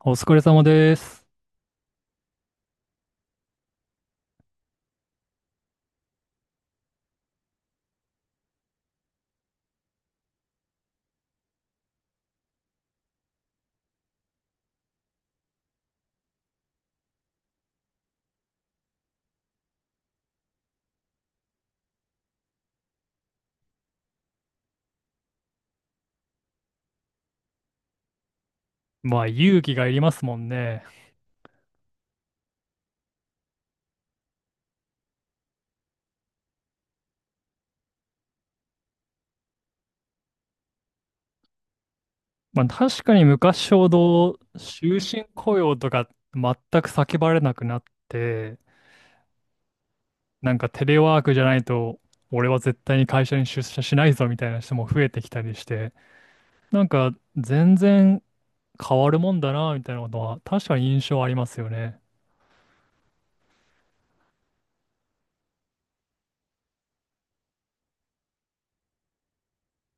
お疲れ様です。まあ、勇気がいりますもんね。まあ、確かに昔ほど終身雇用とか全く叫ばれなくなって、テレワークじゃないと、俺は絶対に会社に出社しないぞみたいな人も増えてきたりして、なんか全然変わるもんだな、みたいなことは確かに印象ありますよね。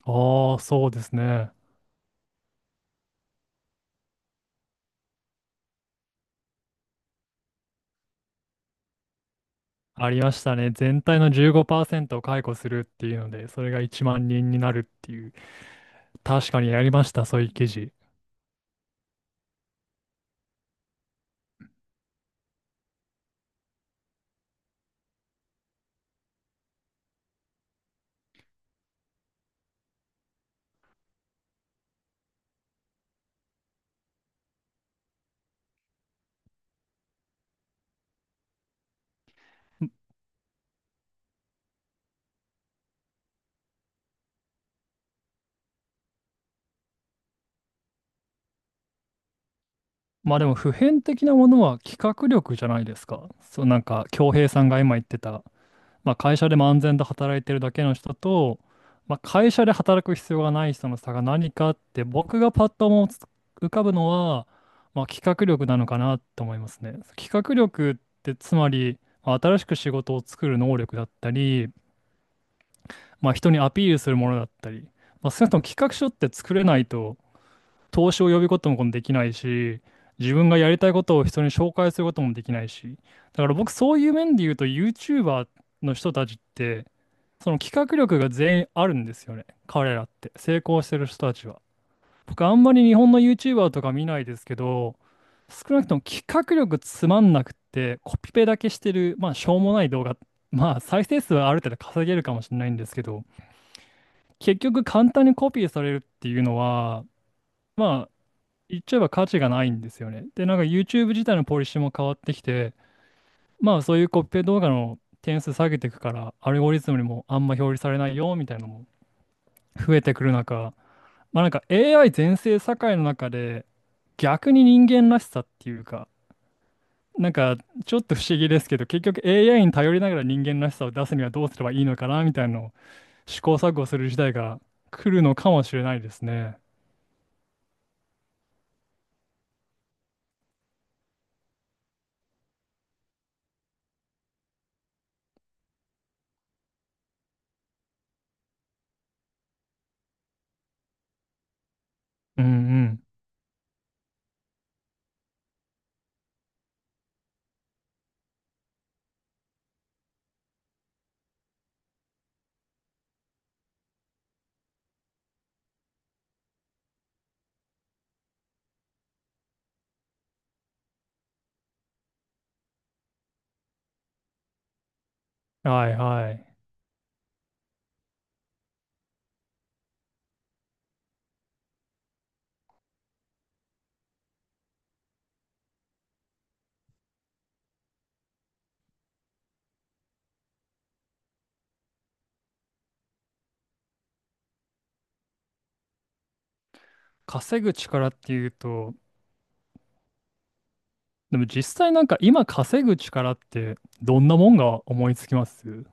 ああ、そうですね。ありましたね。全体の15%を解雇するっていうので、それが1万人になるっていう。確かにやりました、そういう記事。まあでも普遍的なものは企画力じゃないですか。そう恭平さんが今言ってた、まあ、会社でも安全と働いてるだけの人と、まあ、会社で働く必要がない人の差が何かって、僕がパッと思い浮かぶのは、まあ、企画力なのかなと思いますね。企画力ってつまり、まあ新しく仕事を作る能力だったり、まあ、人にアピールするものだったり、まあ、少なくとも企画書って作れないと投資を呼び込むこともできないし、自分がやりたいことを人に紹介することもできないし、だから僕そういう面で言うと YouTuber の人たちって、その企画力が全員あるんですよね。彼らって。成功してる人たちは。僕あんまり日本の YouTuber とか見ないですけど、少なくとも企画力つまんなくってコピペだけしてる、まあしょうもない動画、まあ再生数はある程度稼げるかもしれないんですけど、結局簡単にコピーされるっていうのは、ま言っちゃえば価値がないんですよね。で、YouTube 自体のポリシーも変わってきて、まあそういうコッペ動画の点数下げていくから、アルゴリズムにもあんま表示されないよみたいなのも増えてくる中、AI 全盛社会の中で逆に人間らしさっていうか、なんかちょっと不思議ですけど、結局 AI に頼りながら人間らしさを出すにはどうすればいいのかなみたいなのを試行錯誤する時代が来るのかもしれないですね。うんうん。はいはい。稼ぐ力っていうと、でも実際今稼ぐ力ってどんなもんが思いつきます？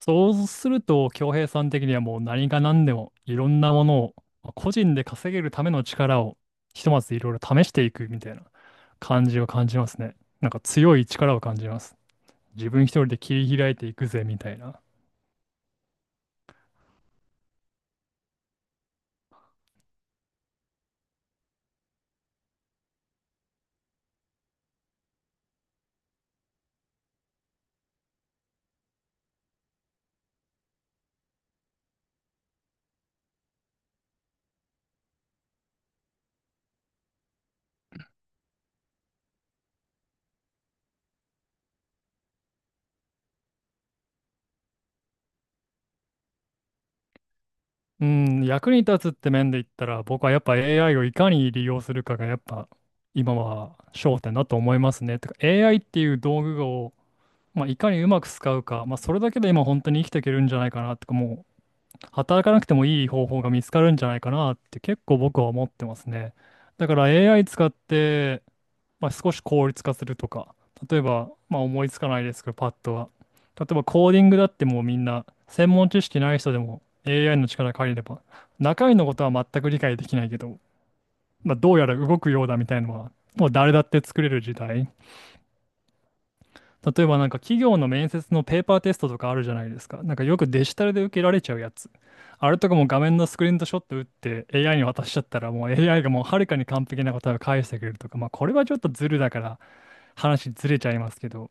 そうすると、恭平さん的にはもう何が何でもいろんなものをまあ個人で稼げるための力をひとまずいろいろ試していくみたいな感じを感じますね。強い力を感じますね。自分一人で切り開いていくぜみたいな。うん、役に立つって面で言ったら、僕はやっぱ AI をいかに利用するかがやっぱ今は焦点だと思いますね。てか AI っていう道具をまあ、いかにうまく使うか、まあ、それだけで今本当に生きていけるんじゃないかなとか、もう働かなくてもいい方法が見つかるんじゃないかなって結構僕は思ってますね。だから AI 使って、まあ、少し効率化するとか、例えば、まあ、思いつかないですけど、パッとは。例えばコーディングだってもうみんな専門知識ない人でも AI の力借りれば、中身のことは全く理解できないけど、まあ、どうやら動くようだみたいなのは、もう誰だって作れる時代。例えば企業の面接のペーパーテストとかあるじゃないですか。よくデジタルで受けられちゃうやつ。あれとかも画面のスクリーンショット打って AI に渡しちゃったら、もう AI がもうはるかに完璧な答えを返してくれるとか、まあこれはちょっとズルだから話ずれちゃいますけど、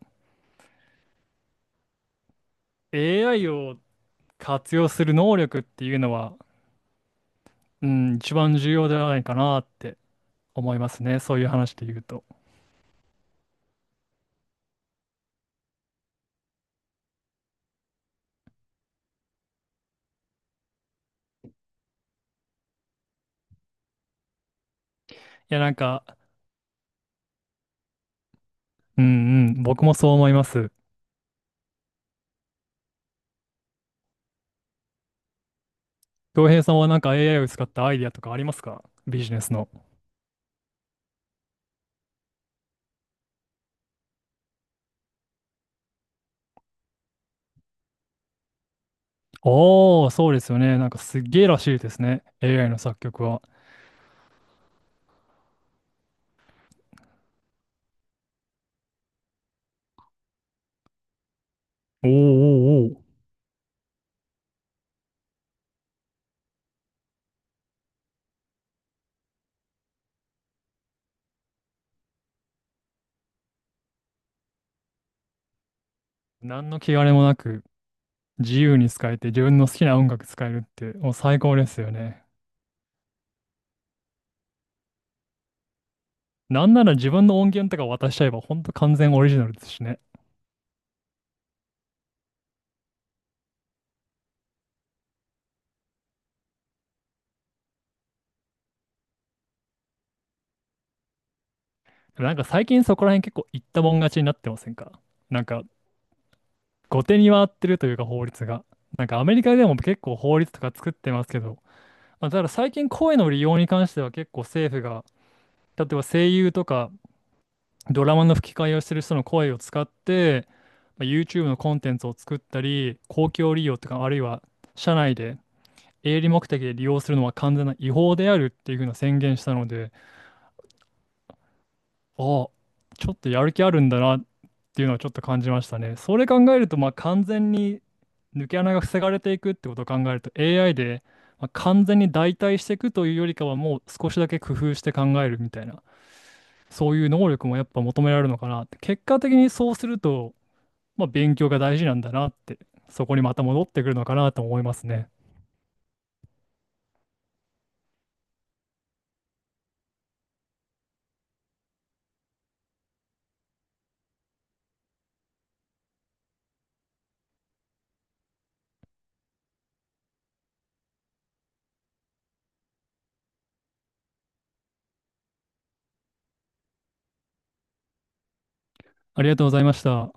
AI を活用する能力っていうのは、うん、一番重要じゃないかなって思いますね。そういう話で言うと。いや、うん、僕もそう思います。恭平さんはなんか AI を使ったアイディアとかありますか？ビジネスの。ああ、そうですよね。なんかすっげえらしいですね。AI の作曲は。おーおーおー。何の気兼ねもなく自由に使えて自分の好きな音楽使えるってもう最高ですよね。なんなら自分の音源とか渡しちゃえばほんと完全オリジナルですしね。でも最近そこら辺結構言ったもん勝ちになってませんか？なんか後手に回ってるというか法律が。アメリカでも結構法律とか作ってますけど、まあ、ただ最近声の利用に関しては結構政府が、例えば声優とかドラマの吹き替えをする人の声を使って、まあ YouTube のコンテンツを作ったり、公共利用とか、あるいは社内で営利目的で利用するのは完全な違法であるっていうふうな宣言したので、ああ、ちょっとやる気あるんだなっていうのはちょっと感じましたね。それ考えると、まあ完全に抜け穴が防がれていくってことを考えると、 AI で、まあ完全に代替していくというよりかは、もう少しだけ工夫して考えるみたいな、そういう能力もやっぱ求められるのかなって。結果的にそうすると、まあ、勉強が大事なんだなって、そこにまた戻ってくるのかなと思いますね。ありがとうございました。